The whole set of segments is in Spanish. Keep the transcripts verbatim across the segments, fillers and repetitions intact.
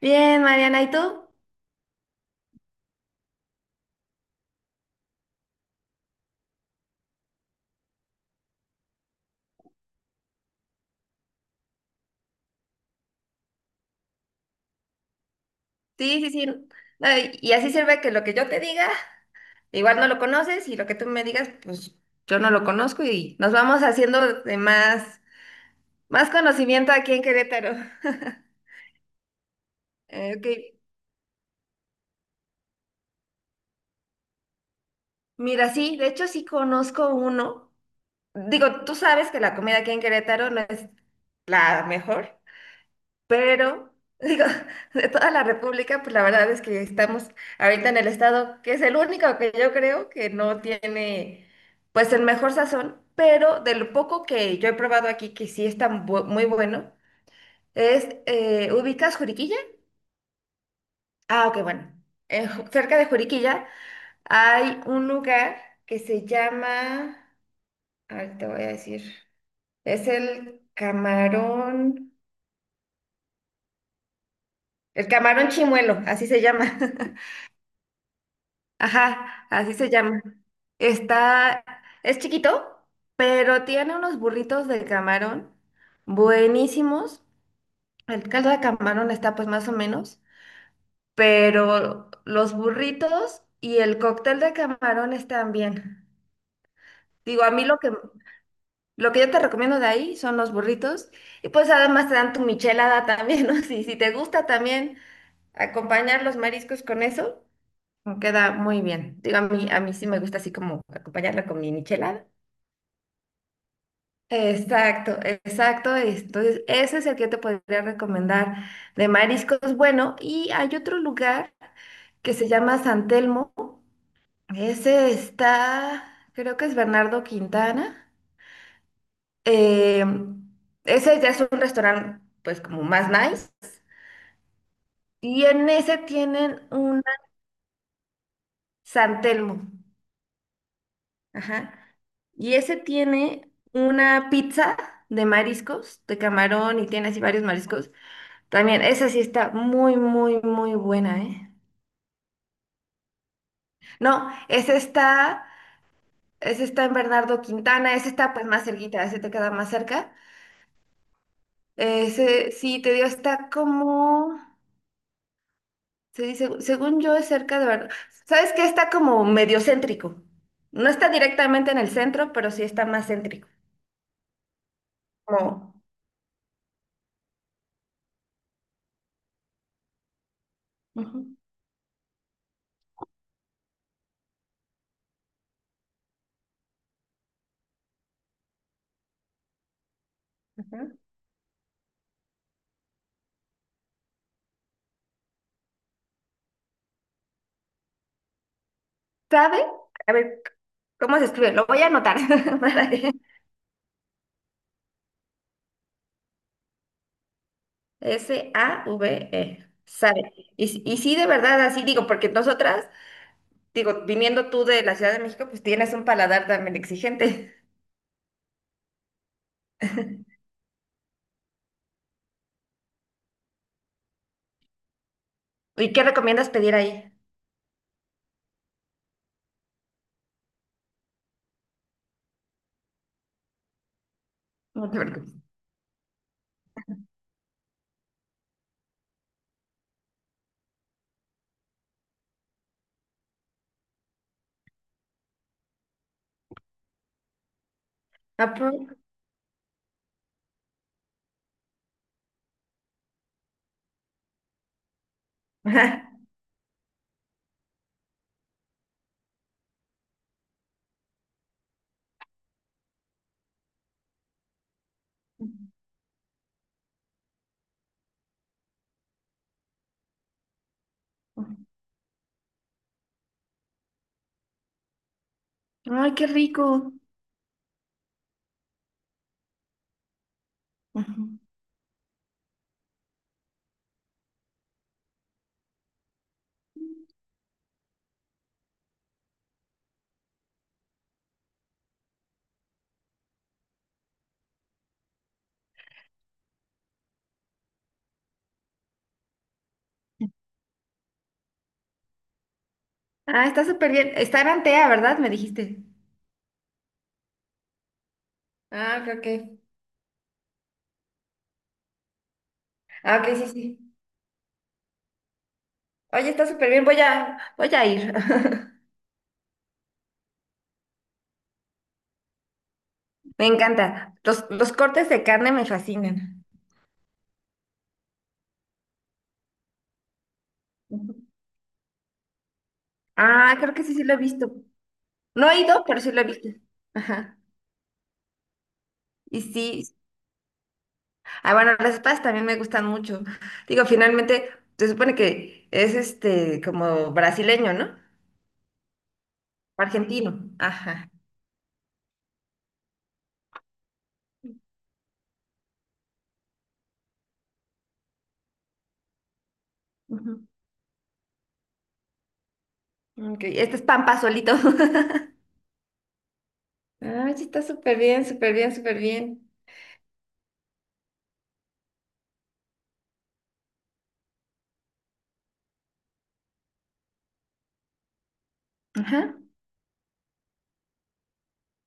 Bien, Mariana, ¿y tú? Sí, sí, sí. No, y y así sirve que lo que yo te diga, igual no lo conoces y lo que tú me digas, pues yo no lo conozco y nos vamos haciendo de más, más conocimiento aquí en Querétaro. Eh, ok, mira, sí, de hecho sí conozco uno. Digo, tú sabes que la comida aquí en Querétaro no es la mejor. Pero, digo, de toda la República, pues la verdad es que estamos ahorita en el estado que es el único que yo creo que no tiene, pues, el mejor sazón, pero de lo poco que yo he probado aquí, que sí está bu- muy bueno, es, eh, ¿ubicas Juriquilla? Ah, ok, bueno. En Ju- cerca de Juriquilla hay un lugar que se llama, ahorita te voy a decir, es el Camarón, el Camarón Chimuelo, así se llama. Ajá, así se llama. Está, es chiquito, pero tiene unos burritos de camarón buenísimos. El caldo de camarón está pues más o menos, pero los burritos y el cóctel de camarón están bien. Digo, a mí lo que, lo que yo te recomiendo de ahí son los burritos y pues además te dan tu michelada también, ¿no? Si, si te gusta también acompañar los mariscos con eso. Me queda muy bien. Digo, a mí, a mí sí me gusta así como acompañarla con mi michelada. Exacto, exacto. Entonces, ese es el que yo te podría recomendar de mariscos. Bueno, y hay otro lugar que se llama San Telmo. Ese está, creo que es Bernardo Quintana. Eh, Ese ya es un restaurante, pues, como más nice. Y en ese tienen un. San Telmo. Ajá. Y ese tiene una pizza de mariscos, de camarón y tiene así varios mariscos. También, esa sí está muy, muy, muy buena, ¿eh? No, ese está, ese está en Bernardo Quintana, ese está pues más cerquita, ese te queda más cerca. Ese sí, te digo, está como, se dice, según yo es cerca de Bernardo. ¿Sabes qué? Está como medio céntrico. No está directamente en el centro, pero sí está más céntrico. Como. Ujú. Ujú. ¿Sabe? A ver. ¿Cómo se escribe? Lo voy a anotar. para que- S A V E. Sabe. Y, si- y sí, de verdad, así digo, porque nosotras, digo, viniendo tú de la Ciudad de México, pues tienes un paladar también exigente. ¿Y qué recomiendas pedir ahí? No te preocupes. ¿A poco? Ajá. Ay, qué rico. Ujú. Ah, está súper bien. Está en Antea, ¿verdad? Me dijiste. Ah, ok, ok. Ah, ok, sí, sí. Oye, está súper bien. Voy a, voy a ir. Me encanta. Los, los cortes de carne me fascinan. Ah, creo que sí, sí lo he visto. No he ido, pero sí lo he visto. Ajá. Y sí. Ah, bueno, las espadas también me gustan mucho. Digo, finalmente, se supone que es este como brasileño, ¿no? Argentino. Ajá. Ujú. Ok, este es Pampa solito. Ah, sí, está súper bien, súper bien, súper bien. Ajá.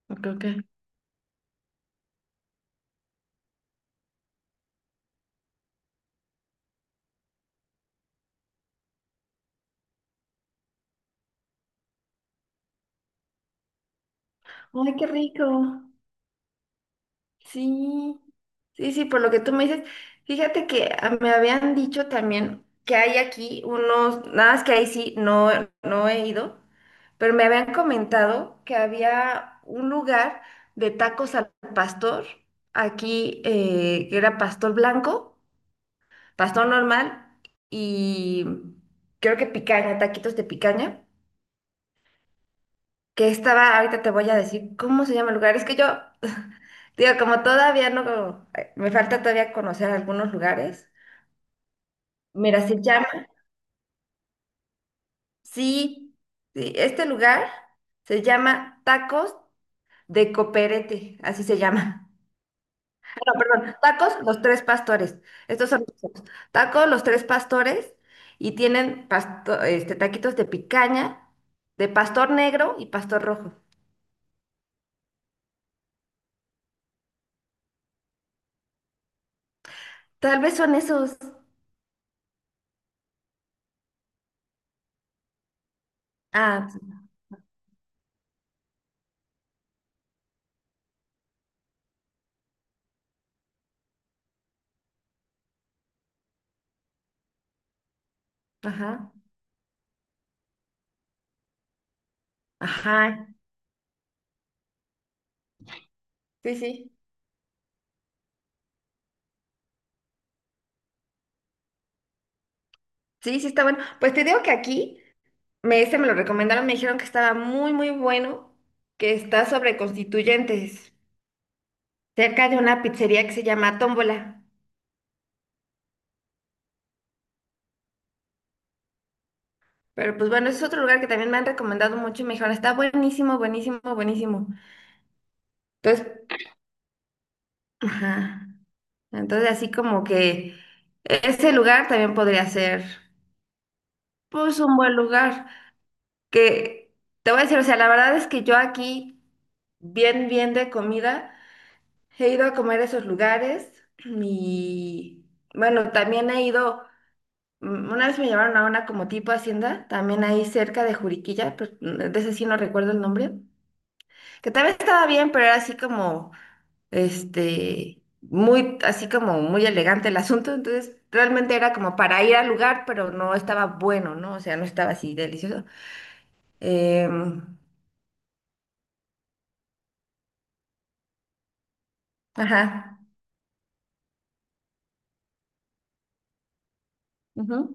Ok, ok. Ay, qué rico. Sí, sí, sí, por lo que tú me dices, fíjate que ah, me habían dicho también que hay aquí unos, nada más que ahí sí, no, no he ido, pero me habían comentado que había un lugar de tacos al pastor, aquí eh, que era pastor blanco, pastor normal y creo que picaña, taquitos de picaña que estaba, ahorita te voy a decir cómo se llama el lugar. Es que yo, digo, como todavía no, eh, me falta todavía conocer algunos lugares. Mira, se llama, sí, sí, este lugar se llama Tacos de Coperete, así se llama. No, perdón, Tacos Los Tres Pastores. Estos son los tacos. Tacos Los Tres Pastores y tienen pasto- este, taquitos de picaña, de pastor negro y pastor rojo. Tal vez son esos. Ah, sí, ajá. Ajá, sí, sí. Sí, sí está bueno. Pues te digo que aquí, me, este me lo recomendaron, me dijeron que estaba muy, muy bueno, que está sobre Constituyentes, cerca de una pizzería que se llama Tómbola. Pero pues bueno, ese es otro lugar que también me han recomendado mucho y me dijeron, está buenísimo, buenísimo, buenísimo. Entonces, ajá. Entonces así como que ese lugar también podría ser, pues, un buen lugar. Que te voy a decir, o sea, la verdad es que yo aquí, bien, bien de comida. He ido a comer a esos lugares y bueno, también he ido, mm, una vez me llevaron a una como tipo hacienda, también ahí cerca de Juriquilla, pero mm, de ese sí no recuerdo el nombre, que tal vez estaba bien, pero era así como, este, muy, así como muy elegante el asunto, entonces realmente era como para ir al lugar, pero no estaba bueno, ¿no? O sea, no estaba así delicioso. Em, ajá. Ujú.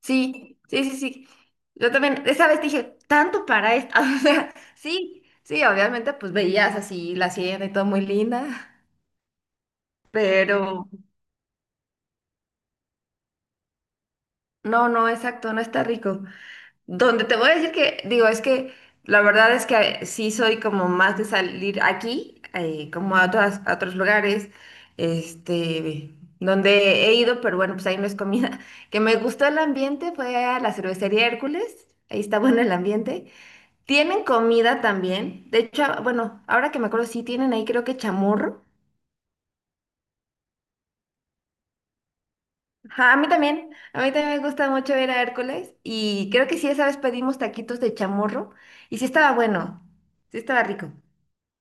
Sí, sí, sí, sí. Yo también, esa vez dije, tanto para esto. O sea, sí, sí, obviamente, pues veías así la sierra y todo muy linda, pero no, no, exacto, no está rico. Donde te voy a decir que, digo, es que la verdad es que sí soy como más de salir aquí, eh, como a otras, a otros lugares, este, donde he ido, pero bueno, pues ahí no es comida. Que me gustó el ambiente fue a la cervecería Hércules, ahí está bueno el ambiente. Tienen comida también. De hecho, a- bueno, ahora que me acuerdo, sí tienen ahí creo que chamorro. Ajá, a mí también. A mí también me gusta mucho ir a Hércules. Y creo que sí, esa vez pedimos taquitos de chamorro. Y sí estaba bueno. Sí estaba rico.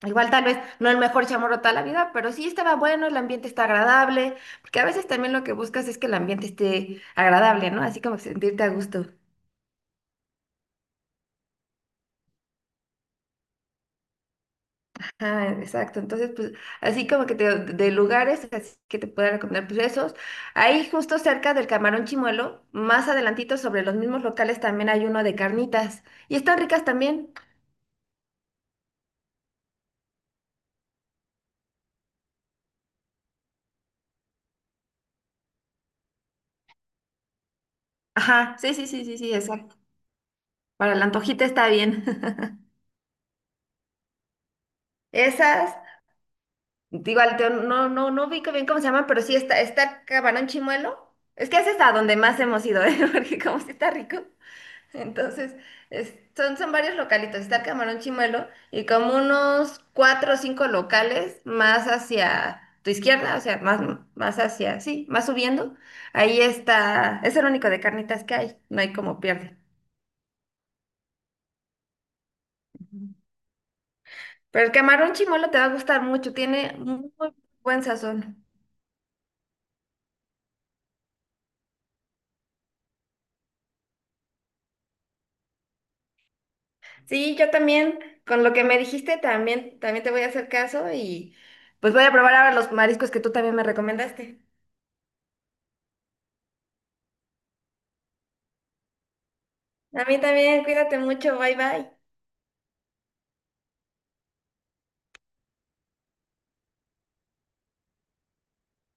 Igual tal vez no el mejor chamorro toda la vida, pero sí estaba bueno, el ambiente está agradable. Porque a veces también lo que buscas es que el ambiente esté agradable, ¿no? Así como sentirte a gusto. Ah, exacto. Entonces, pues, así como que te, de lugares así que te pueda recomendar, pues esos. Ahí justo cerca del Camarón Chimuelo, más adelantito sobre los mismos locales también hay uno de carnitas. Y están ricas también. Ajá, sí, sí, sí, sí, sí, exacto. Para la antojita está bien. Esas, igual te- no, no, no ubico bien cómo se llaman, pero sí está, está Camarón Chimuelo. Es que ese es a donde más hemos ido, ¿eh? Porque como sí está rico. Entonces, es- son, son varios localitos. Está el Camarón Chimuelo y como unos cuatro o cinco locales más hacia tu izquierda, o sea, más, más hacia, sí, más subiendo. Ahí está, es el único de carnitas que hay, no hay como pierde. Pero el Camarón Chimuelo te va a gustar mucho, tiene muy buen sazón. Sí, yo también, con lo que me dijiste, también, también te voy a hacer caso y pues voy a probar ahora los mariscos que tú también me recomendaste. A mí también, cuídate mucho, bye bye.